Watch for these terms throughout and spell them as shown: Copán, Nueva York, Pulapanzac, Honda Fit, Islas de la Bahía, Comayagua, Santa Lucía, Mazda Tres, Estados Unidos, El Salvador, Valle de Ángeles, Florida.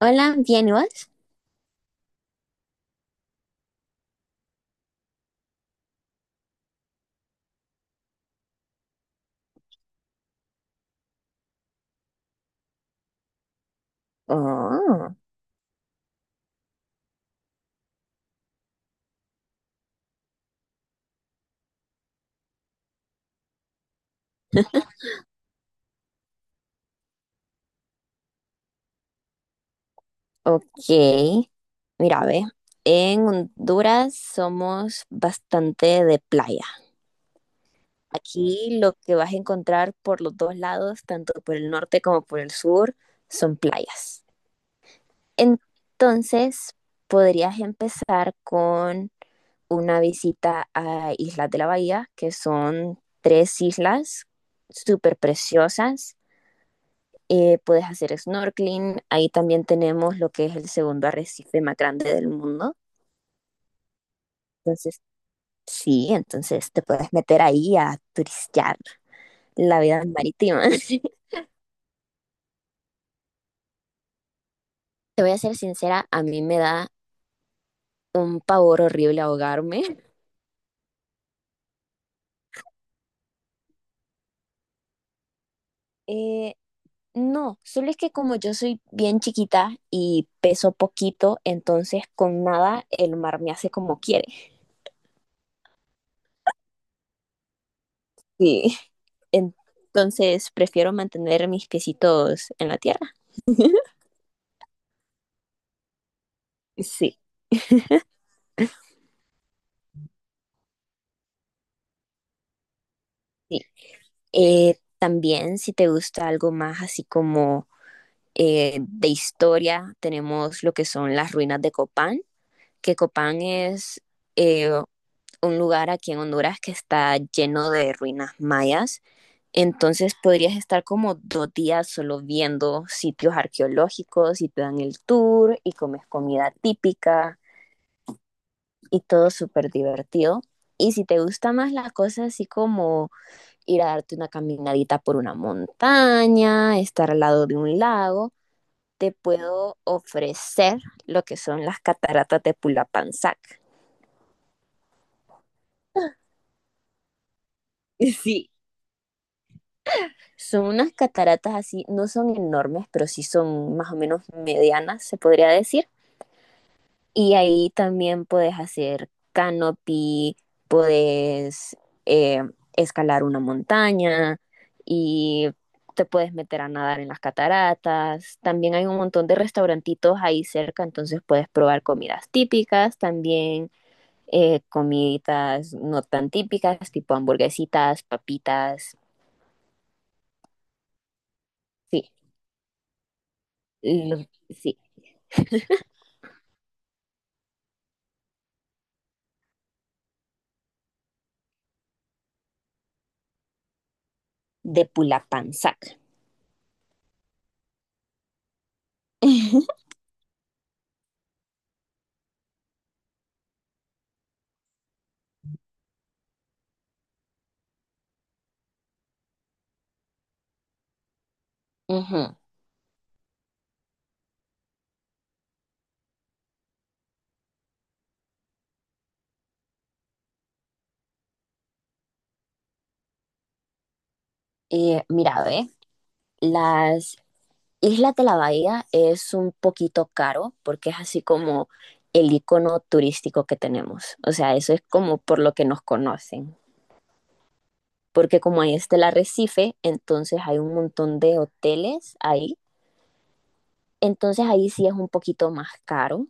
Hola, ¿bien y vos? Oh, ok. Mira, ve, en Honduras somos bastante de playa. Aquí lo que vas a encontrar por los dos lados, tanto por el norte como por el sur, son playas. Entonces, podrías empezar con una visita a Islas de la Bahía, que son tres islas súper preciosas. Puedes hacer snorkeling, ahí también tenemos lo que es el segundo arrecife más grande del mundo. Entonces, sí, entonces te puedes meter ahí a turistear la vida marítima. Te voy a ser sincera, a mí me da un pavor horrible ahogarme. Eh, no, solo es que como yo soy bien chiquita y peso poquito, entonces con nada el mar me hace como quiere. Sí. Entonces prefiero mantener mis piecitos en la tierra. Sí. Sí. También, si te gusta algo más así como de historia, tenemos lo que son las ruinas de Copán, que Copán es eh, un lugar aquí en Honduras que está lleno de ruinas mayas. Entonces podrías estar como 2 días solo viendo sitios arqueológicos y te dan el tour y comes comida típica y todo súper divertido. Y si te gusta más la cosa así como ir a darte una caminadita por una montaña, estar al lado de un lago, te puedo ofrecer lo que son las cataratas de Pulapanzac. Sí, son unas cataratas así, no son enormes, pero sí son más o menos medianas, se podría decir. Y ahí también puedes hacer canopy, puedes eh, escalar una montaña y te puedes meter a nadar en las cataratas. También hay un montón de restaurantitos ahí cerca, entonces puedes probar comidas típicas, también comiditas no tan típicas, tipo hamburguesitas, papitas, sí, lo- sí, de Pulapanzac. Ujú. Mira, ve, las Isla de la Bahía es un poquito caro porque es así como el icono turístico que tenemos. O sea, eso es como por lo que nos conocen. Porque como ahí está el arrecife, entonces hay un montón de hoteles ahí. Entonces ahí sí es un poquito más caro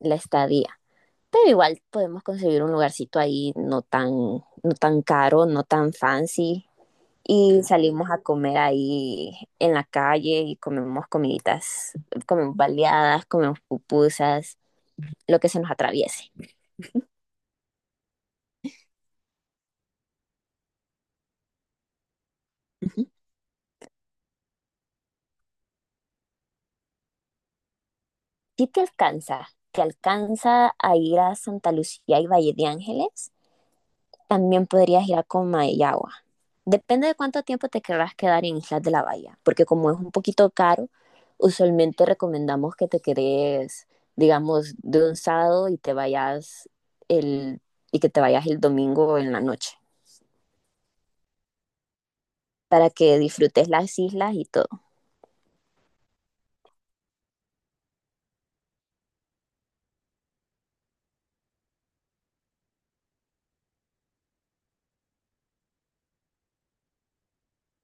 la estadía. Pero igual podemos conseguir un lugarcito ahí no tan, no tan caro, no tan fancy. Y salimos a comer ahí en la calle y comemos comiditas, comemos baleadas, comemos pupusas, lo que se nos atraviese. Ujú. Si te alcanza, te alcanza a ir a Santa Lucía y Valle de Ángeles, también podrías ir a Comayagua. Depende de cuánto tiempo te querrás quedar en Islas de la Bahía, porque como es un poquito caro, usualmente recomendamos que te quedes, digamos, de un sábado y te vayas el, y que te vayas el domingo en la noche. Para que disfrutes las islas y todo.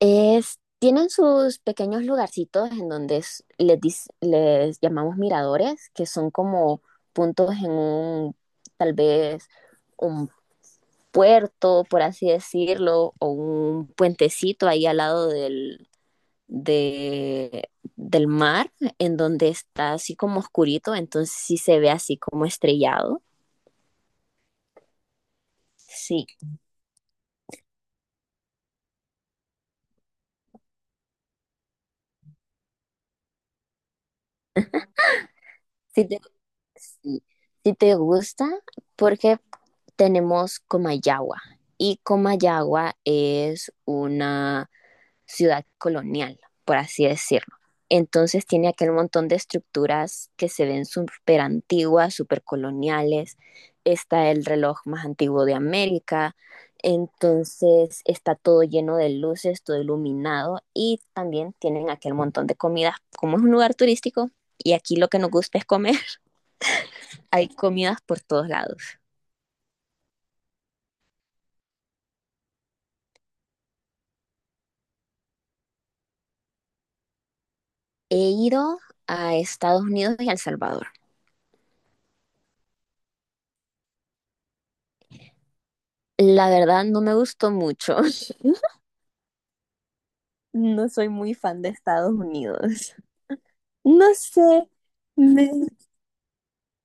Es, tienen sus pequeños lugarcitos en donde les llamamos miradores, que son como puntos en un, tal vez, un puerto, por así decirlo, o un puentecito ahí al lado del, de- del mar, en donde está así como oscurito, entonces sí se ve así como estrellado. Sí, sí te, sí, sí te gusta, porque tenemos Comayagua y Comayagua es una ciudad colonial, por así decirlo. Entonces tiene aquel montón de estructuras que se ven súper antiguas, súper coloniales. Está el reloj más antiguo de América. Entonces está todo lleno de luces, todo iluminado y también tienen aquel montón de comidas. Como es un lugar turístico y aquí lo que nos gusta es comer, hay comidas por todos lados. He ido a Estados Unidos y a El Salvador. La verdad no me gustó mucho. No soy muy fan de Estados Unidos. No sé. me-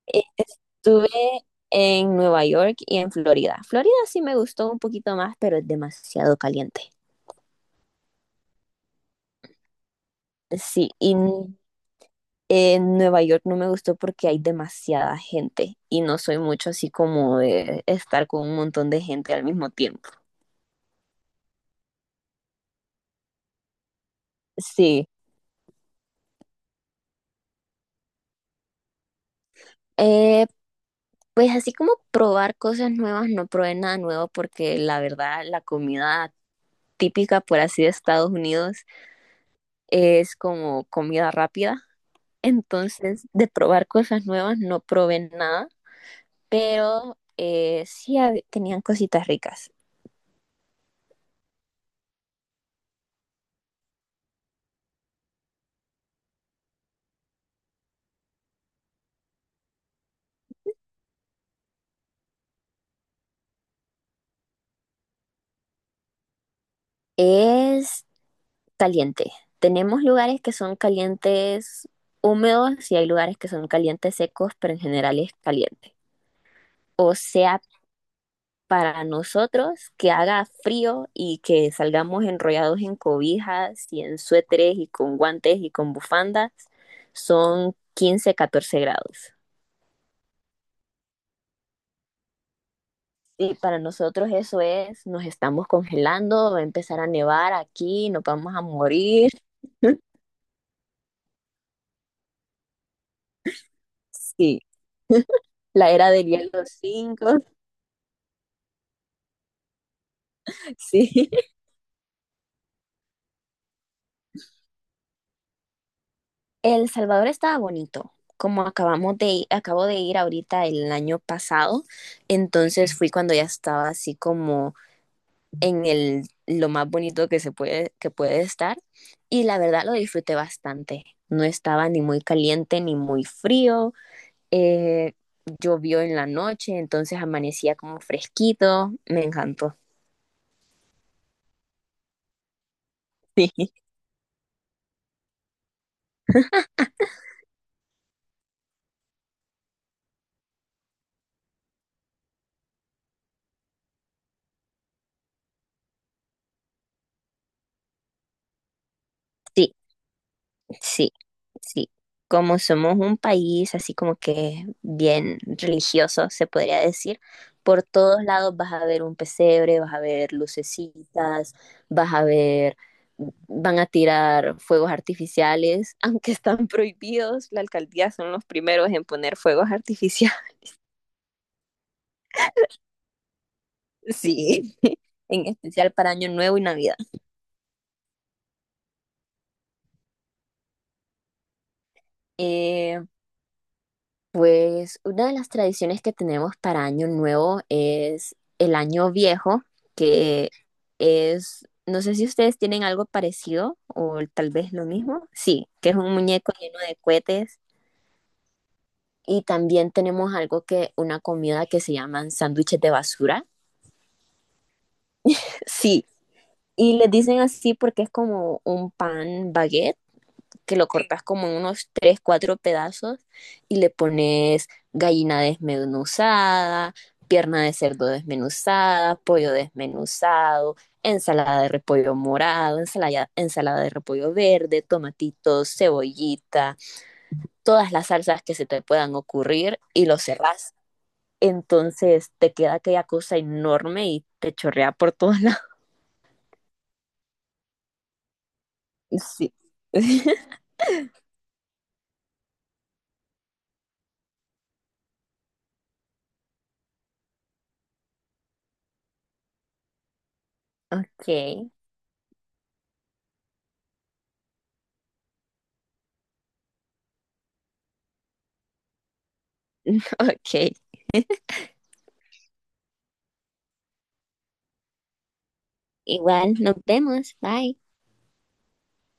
Estuve en Nueva York y en Florida. Florida sí me gustó un poquito más, pero es demasiado caliente. Sí, en Nueva York no me gustó porque hay demasiada gente y no soy mucho así como de estar con un montón de gente al mismo tiempo. Sí. Eh, Pues así como probar cosas nuevas, no probé nada nuevo porque la verdad la comida típica, por así de Estados Unidos, es como comida rápida. Entonces, de probar cosas nuevas, no probé nada, pero sí tenían cositas ricas. Es caliente. Tenemos lugares que son calientes húmedos y hay lugares que son calientes secos, pero en general es caliente. O sea, para nosotros que haga frío y que salgamos enrollados en cobijas y en suéteres y con guantes y con bufandas son 15 14 grados. Y para nosotros eso es, nos estamos congelando, va a empezar a nevar aquí, nos vamos a morir. Sí, la era del hielo 5. Sí. El Salvador estaba bonito, como acabo de ir ahorita el año pasado, entonces fui cuando ya estaba así como en el, lo más bonito que se puede, que puede estar. Y la verdad lo disfruté bastante. No estaba ni muy caliente ni muy frío. Eh, Llovió en la noche, entonces amanecía como fresquito. Me encantó. Sí. Sí. Sí, sí. Como somos un país así como que bien religioso, se podría decir, por todos lados vas a ver un pesebre, vas a ver lucecitas, vas a ver, van a tirar fuegos artificiales, aunque están prohibidos, la alcaldía son los primeros en poner fuegos artificiales. Sí, en especial para Año Nuevo y Navidad. Eh, Pues una de las tradiciones que tenemos para Año Nuevo es el Año Viejo, que es, no sé si ustedes tienen algo parecido o tal vez lo mismo. Sí, que es un muñeco lleno de cohetes. Y también tenemos algo que, una comida que se llaman sándwiches de basura. Sí, y les dicen así porque es como un pan baguette que lo cortas como en unos tres, cuatro pedazos y le pones gallina desmenuzada, pierna de cerdo desmenuzada, pollo desmenuzado, ensalada de repollo morado, ensalada, ensalada de repollo verde, tomatitos, cebollita, todas las salsas que se te puedan ocurrir y lo cerrás. Entonces te queda aquella cosa enorme y te chorrea por todos lados. Sí. Ok, ok. Igual, nos vemos. Bye.